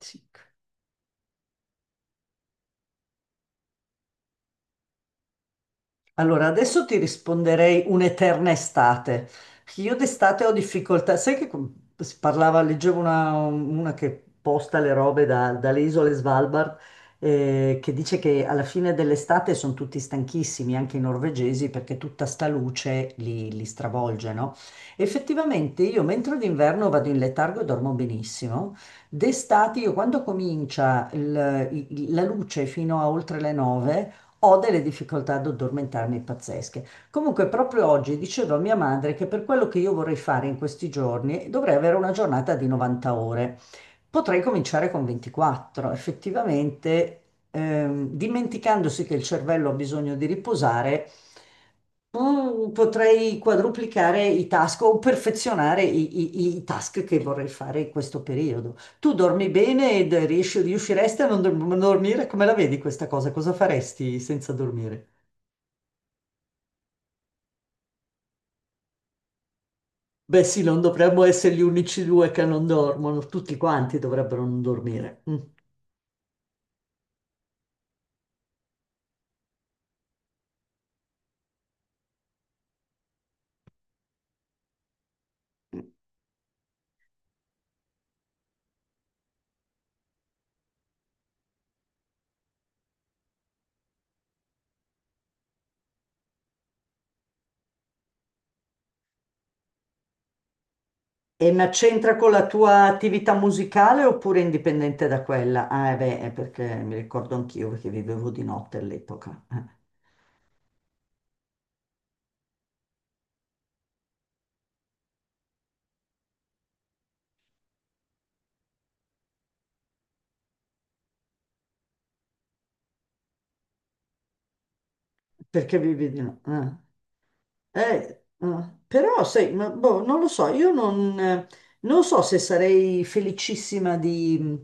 Sì. Allora, adesso ti risponderei un'eterna estate. Io d'estate ho difficoltà, sai che si parlava, leggevo una che posta le robe dalle isole Svalbard, che dice che alla fine dell'estate sono tutti stanchissimi, anche i norvegesi, perché tutta sta luce li stravolge, no? Effettivamente io mentre d'inverno vado in letargo e dormo benissimo, d'estate io quando comincia la luce fino a oltre le 9, ho delle difficoltà ad addormentarmi pazzesche. Comunque, proprio oggi dicevo a mia madre che per quello che io vorrei fare in questi giorni dovrei avere una giornata di 90 ore. Potrei cominciare con 24. Effettivamente, dimenticandosi che il cervello ha bisogno di riposare. Potrei quadruplicare i task o perfezionare i task che vorrei fare in questo periodo. Tu dormi bene ed riusciresti a non dormire? Come la vedi questa cosa? Cosa faresti senza dormire? Beh, sì, non dovremmo essere gli unici due che non dormono, tutti quanti dovrebbero non dormire. Mm. E ma c'entra con la tua attività musicale oppure indipendente da quella? Ah, eh beh, è perché mi ricordo anch'io che vivevo di notte all'epoca. Perché vivi di notte? Eh, però sai, ma, boh, non lo so, io non, non so se sarei felicissima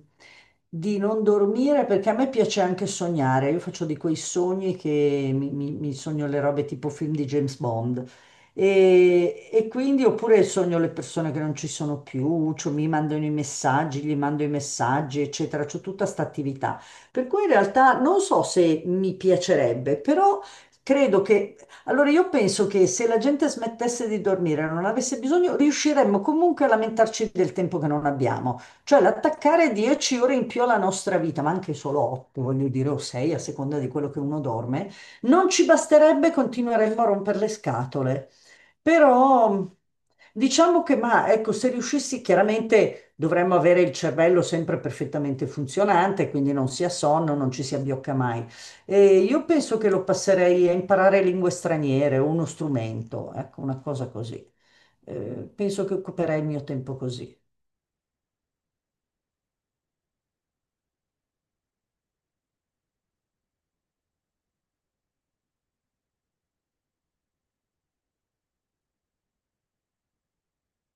di non dormire perché a me piace anche sognare, io faccio di quei sogni che mi sogno le robe tipo film di James Bond e quindi oppure sogno le persone che non ci sono più, cioè mi mandano i messaggi, gli mando i messaggi, eccetera, c'ho tutta sta attività. Per cui in realtà non so se mi piacerebbe, però credo che allora io penso che se la gente smettesse di dormire, non avesse bisogno, riusciremmo comunque a lamentarci del tempo che non abbiamo. Cioè l'attaccare 10 ore in più alla nostra vita, ma anche solo 8, voglio dire, o 6, a seconda di quello che uno dorme, non ci basterebbe, continueremmo a rompere le scatole. Però diciamo che, ma ecco, se riuscissi, chiaramente dovremmo avere il cervello sempre perfettamente funzionante, quindi non sia sonno, non ci si abbiocca mai. E io penso che lo passerei a imparare lingue straniere o uno strumento, ecco, una cosa così. Penso che occuperei il mio tempo così.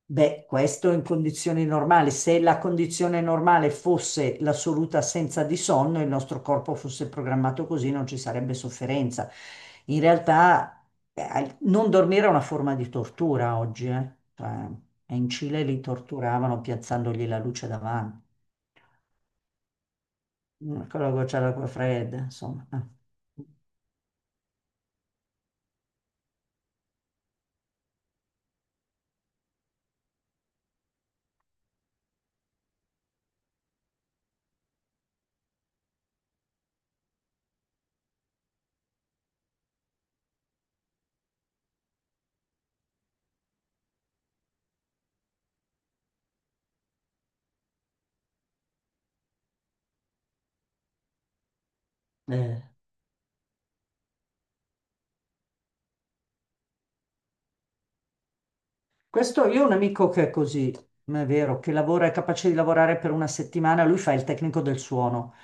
Beh, questo in condizioni normali. Se la condizione normale fosse l'assoluta assenza di sonno, il nostro corpo fosse programmato così, non ci sarebbe sofferenza. In realtà, non dormire è una forma di tortura oggi, eh. Cioè, in Cile li torturavano piazzandogli la luce davanti. Mm, con la goccia d'acqua fredda, insomma. Eh. Questo io ho un amico che è così, ma è vero, che lavora, è capace di lavorare per una settimana, lui fa il tecnico del suono,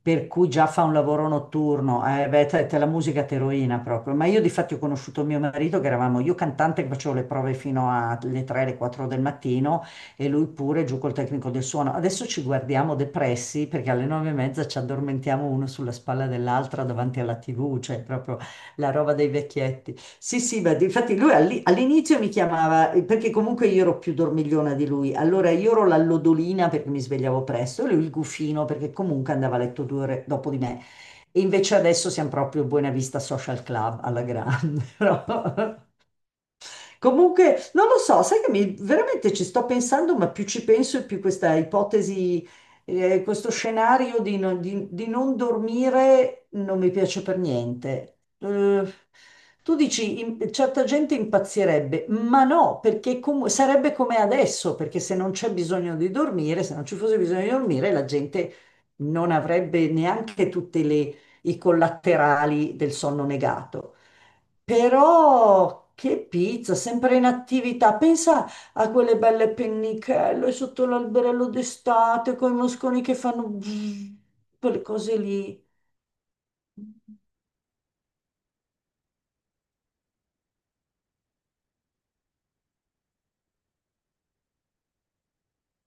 per cui già fa un lavoro notturno, beh, te la musica te rovina proprio. Ma io di fatto ho conosciuto mio marito che eravamo io cantante che facevo le prove fino alle 3, alle 4 del mattino e lui pure giù col tecnico del suono. Adesso ci guardiamo depressi perché alle 9 e mezza ci addormentiamo uno sulla spalla dell'altra davanti alla TV, cioè proprio la roba dei vecchietti. Sì, sì, ma infatti lui all'inizio mi chiamava, perché comunque io ero più dormigliona di lui, allora io ero la lodolina perché mi svegliavo presto, e lui il gufino perché comunque andava a letto 2 ore dopo di me. E invece adesso siamo proprio Buena Vista Social Club alla grande, no? Comunque, non lo so, sai che mi, veramente ci sto pensando, ma più ci penso e più questa ipotesi, questo scenario di, non di- di non dormire non mi piace per niente. Tu dici, certa gente impazzirebbe, ma no, perché sarebbe come adesso, perché se non c'è bisogno di dormire, se non ci fosse bisogno di dormire, la gente non avrebbe neanche tutte le i collaterali del sonno negato. Però che pizza, sempre in attività. Pensa a quelle belle pennichello sotto l'alberello d'estate con i mosconi che fanno bzz, quelle cose lì.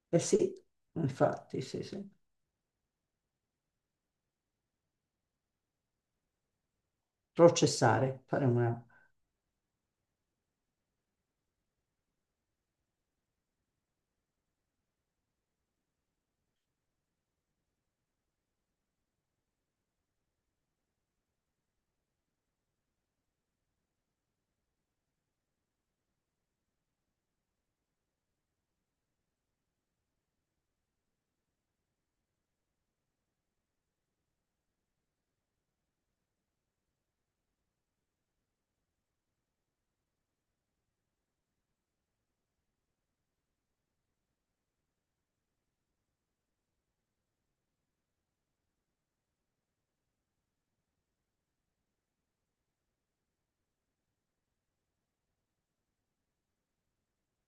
Eh sì, infatti, sì, sì. Processare, fare una...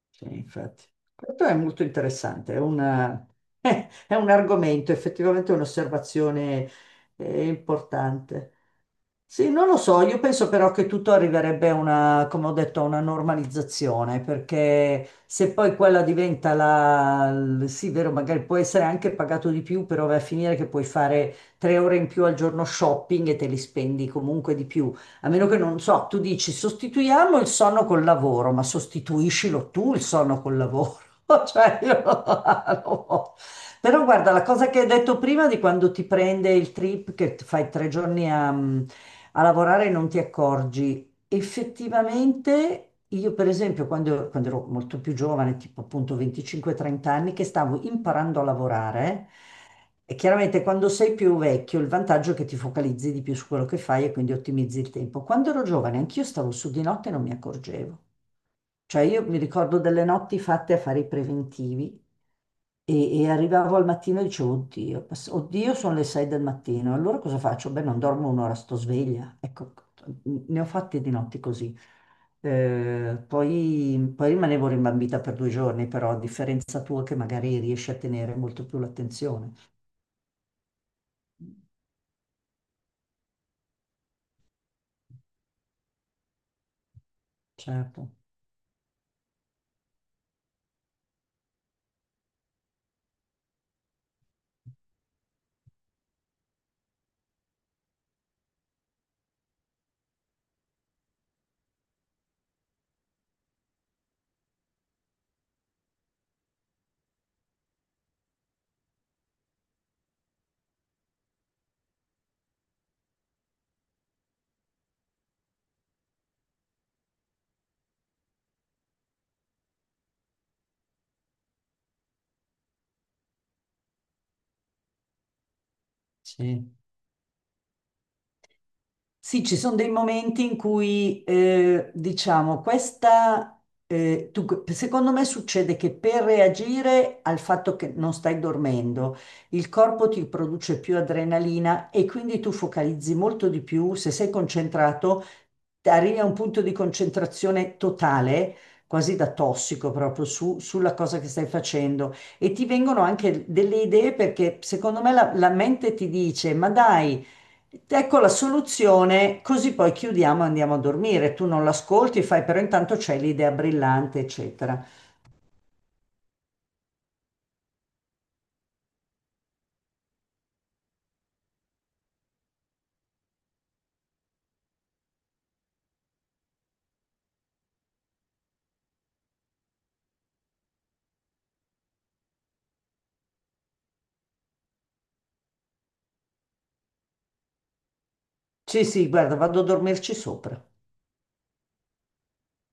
Sì, infatti. Questo è molto interessante, è è un argomento, effettivamente un'osservazione importante. Sì, non lo so, io penso però che tutto arriverebbe a una, come ho detto, a una normalizzazione, perché se poi quella diventa sì, vero, magari può essere anche pagato di più, però va a finire che puoi fare 3 ore in più al giorno shopping e te li spendi comunque di più. A meno che non so, tu dici sostituiamo il sonno col lavoro, ma sostituiscilo tu il sonno col lavoro. Cioè, io non lo so. Però guarda, la cosa che hai detto prima di quando ti prende il trip, che fai 3 giorni a, a lavorare e non ti accorgi, effettivamente io per esempio quando, quando ero molto più giovane, tipo appunto 25-30 anni, che stavo imparando a lavorare, e chiaramente quando sei più vecchio il vantaggio è che ti focalizzi di più su quello che fai e quindi ottimizzi il tempo. Quando ero giovane anch'io stavo su di notte e non mi accorgevo. Cioè io mi ricordo delle notti fatte a fare i preventivi e arrivavo al mattino e dicevo, oddio, oddio, sono le 6 del mattino, allora cosa faccio? Beh, non dormo un'ora, sto sveglia. Ecco, ne ho fatte di notti così. Poi rimanevo rimbambita per 2 giorni, però a differenza tua che magari riesci a tenere molto più l'attenzione. Certo, sì. Sì, ci sono dei momenti in cui, diciamo, questa, secondo me succede che per reagire al fatto che non stai dormendo, il corpo ti produce più adrenalina e quindi tu focalizzi molto di più, se sei concentrato, arrivi a un punto di concentrazione totale, quasi da tossico proprio sulla cosa che stai facendo e ti vengono anche delle idee perché secondo me la mente ti dice, ma dai, ecco la soluzione, così poi chiudiamo e andiamo a dormire. Tu non l'ascolti, fai, però intanto c'è l'idea brillante, eccetera. Sì, sì, guarda, vado a dormirci sopra.